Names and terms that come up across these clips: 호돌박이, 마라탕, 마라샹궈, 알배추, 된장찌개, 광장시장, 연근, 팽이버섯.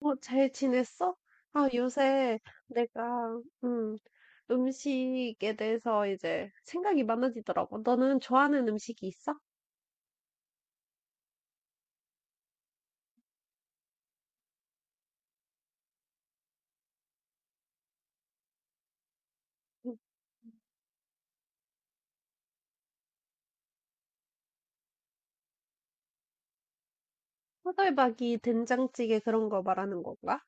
잘 지냈어? 아, 요새 내가, 음, 음식에 대해서 이제 생각이 많아지더라고. 너는 좋아하는 음식이 있어? 음, 호돌박이 된장찌개 그런 거 말하는 건가?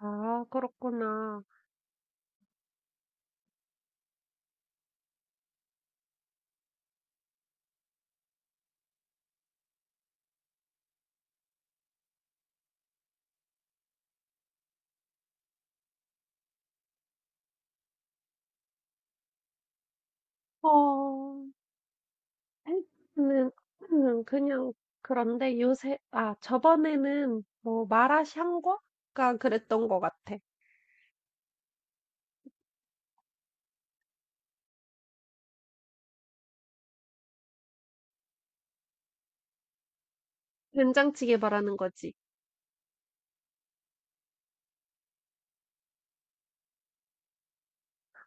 아, 그렇구나. 어, 는 그냥 그런데 요새, 아, 저번에는 뭐 마라샹궈가 그랬던 것 같아. 된장찌개 말하는 거지.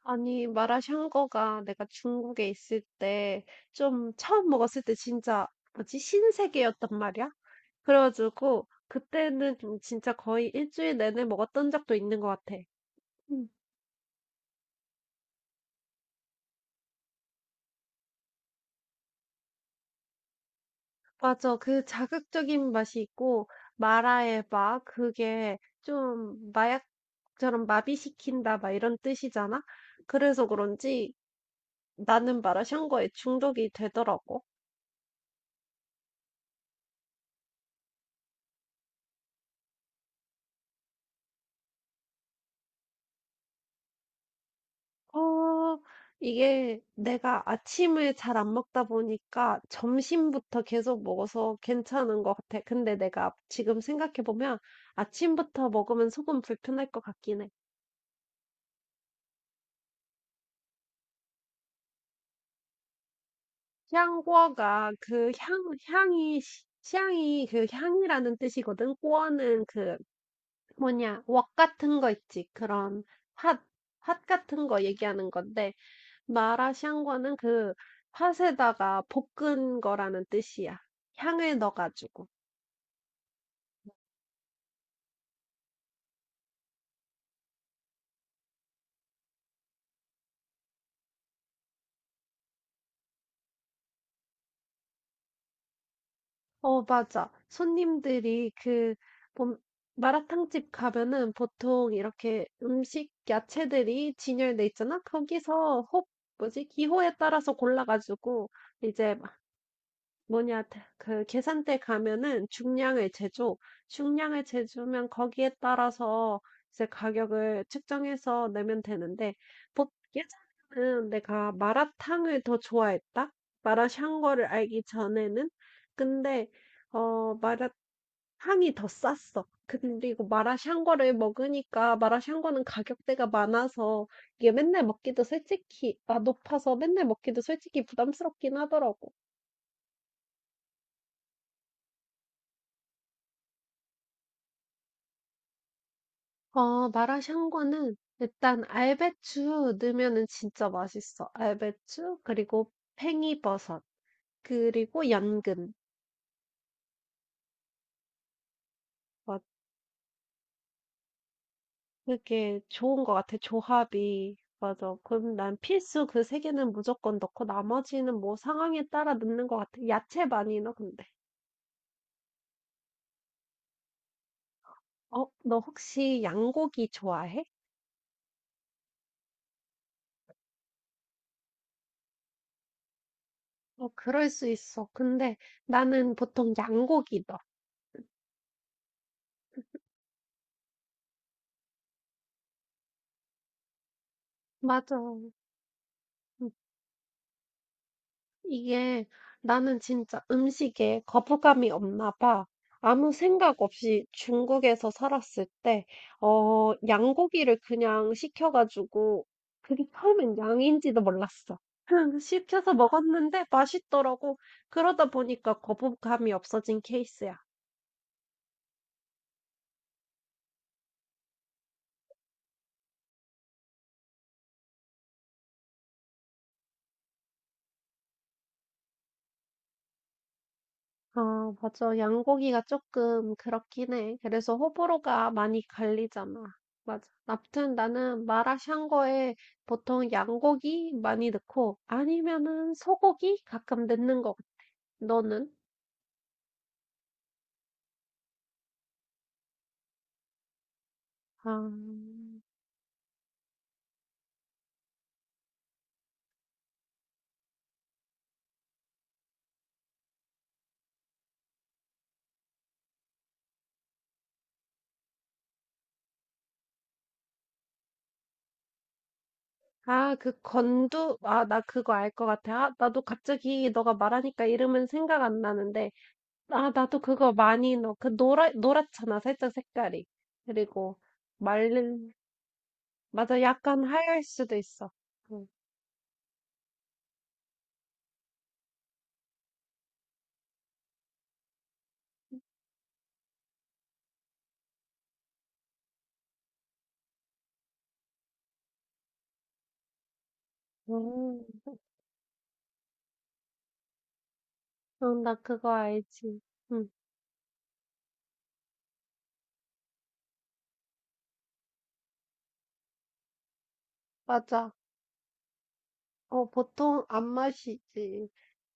아니, 마라샹궈가 내가 중국에 있을 때, 좀 처음 먹었을 때 진짜, 뭐지, 신세계였단 말이야? 그래가지고, 그때는 좀 진짜 거의 일주일 내내 먹었던 적도 있는 것 같아. 음. 맞아. 그 자극적인 맛이 있고, 마라의 마 그게 좀 마약처럼 마비시킨다, 막 이런 뜻이잖아? 그래서 그런지 나는 마라샹궈에 중독이 되더라고. 어, 이게 내가 아침을 잘 안 먹다 보니까 점심부터 계속 먹어서 괜찮은 것 같아. 근데 내가 지금 생각해 보면 아침부터 먹으면 속은 불편할 것 같긴 해. 향궈가 그 향이 그 향이라는 뜻이거든. 꼬어는 그 뭐냐, 웍 같은 거 있지. 그런 핫, 핫 같은 거 얘기하는 건데. 마라샹궈는 그 팥에다가 볶은 거라는 뜻이야. 향을 넣어가지고. 어, 맞아. 손님들이 그 뭐, 마라탕집 가면은 보통 이렇게 음식 야채들이 진열돼 있잖아. 거기서 호 뭐지? 기호에 따라서 골라가지고 이제 뭐냐 다 그 계산대 가면은 중량을 재줘. 중량을 재주면 거기에 따라서 이제 가격을 측정해서 내면 되는데 보 예전에는 내가 마라탕을 더 좋아했다. 마라샹궈를 알기 전에는. 근데 어, 마라탕이 더 쌌어. 그리고 마라샹궈를 먹으니까 마라샹궈는 가격대가 많아서 이게 맨날 먹기도 솔직히 아 높아서 맨날 먹기도 솔직히 부담스럽긴 하더라고. 어, 마라샹궈는 일단 알배추 넣으면은 진짜 맛있어. 알배추 그리고 팽이버섯 그리고 연근. 막 그게 좋은 것 같아. 조합이. 맞아. 그럼 난 필수 그 세 개는 무조건 넣고 나머지는 뭐 상황에 따라 넣는 것 같아. 야채 많이 넣어 근데. 어, 너 혹시 양고기 좋아해? 어, 그럴 수 있어. 근데 나는 보통 양고기 넣어. 맞아. 이게 나는 진짜 음식에 거부감이 없나 봐. 아무 생각 없이 중국에서 살았을 때, 어, 양고기를 그냥 시켜가지고, 그게 처음엔 양인지도 몰랐어. 그냥 시켜서 먹었는데 맛있더라고. 그러다 보니까 거부감이 없어진 케이스야. 아, 맞아. 양고기가 조금 그렇긴 해. 그래서 호불호가 많이 갈리잖아. 맞아. 아무튼 나는 마라샹궈에 보통 양고기 많이 넣고 아니면은 소고기 가끔 넣는 거. 같- 너는? 아, 아, 그 건두. 아, 나 그거 알 것 같아. 아, 나도 갑자기 너가 말하니까 이름은 생각 안 나는데. 아, 나도 그거 많이 넣어. 그 노랗잖아. 살짝 색깔이. 그리고 말, 맞아, 약간 하얄 수도 있어. 응. 음, 응, 나 그거 알지. 응, 맞아. 어, 보통 안 마시지.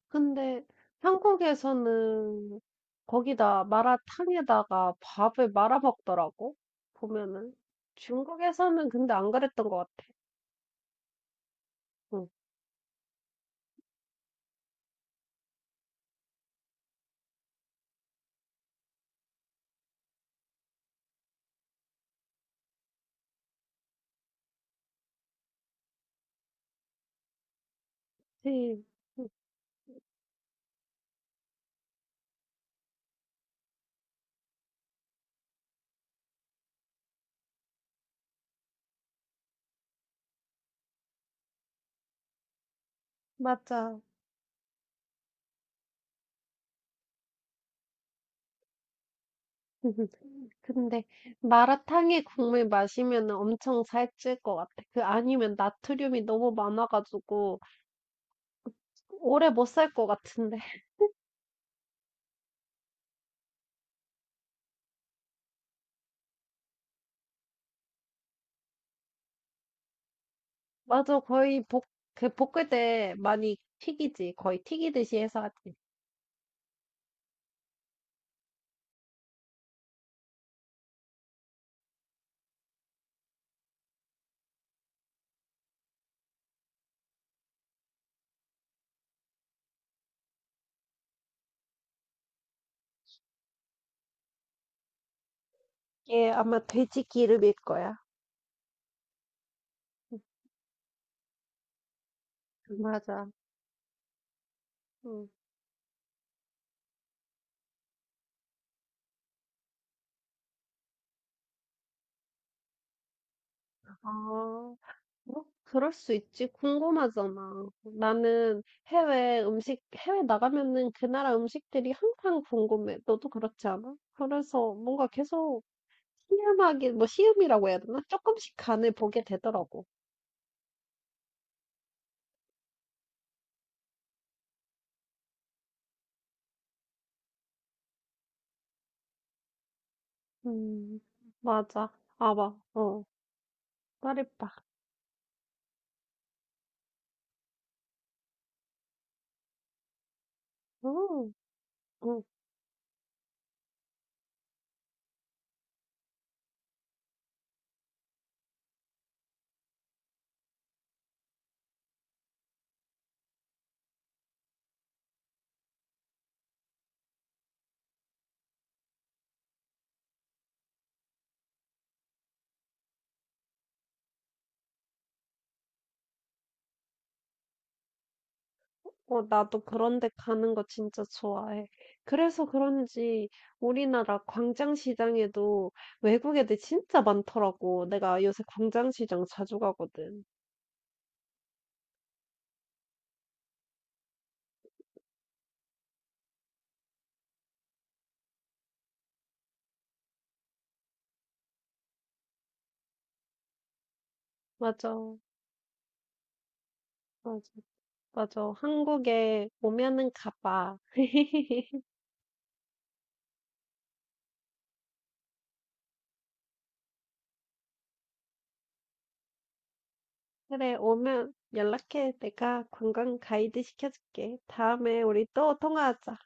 근데 한국에서는 거기다 마라탕에다가 밥을 말아 먹더라고. 보면은. 중국에서는 근데 안 그랬던 것 같아. 응, 그치. 응, 맞아. 근데 마라탕에 국물 마시면 엄청 살찔 것 같아. 그 아니면 나트륨이 너무 많아가지고 오래 못 살 것 같은데. 맞아, 거의 볶, 그 볶을 때 많이 튀기지. 거의 튀기듯이 해서 하지. 이게 아마 돼지 기름일 거야. 맞아. 응. 아, 뭐, 그럴 수 있지. 궁금하잖아. 나는 해외 음식, 해외 나가면은 그 나라 음식들이 항상 궁금해. 너도 그렇지 않아? 그래서 뭔가 계속 시음하기, 뭐 시음이라고 해야 되나? 조금씩 간을 보게 되더라고. 음, 맞아. 아, 봐. 어, 말해봐. 음. 응, 어, 나도 그런 데 가는 거 진짜 좋아해. 그래서 그런지 우리나라 광장시장에도 외국 애들 진짜 많더라고. 내가 요새 광장시장 자주 가거든. 맞아, 맞아, 맞아. 한국에 오면은 가봐. 그래, 오면 연락해. 내가 관광 가이드 시켜줄게. 다음에 우리 또 통화하자.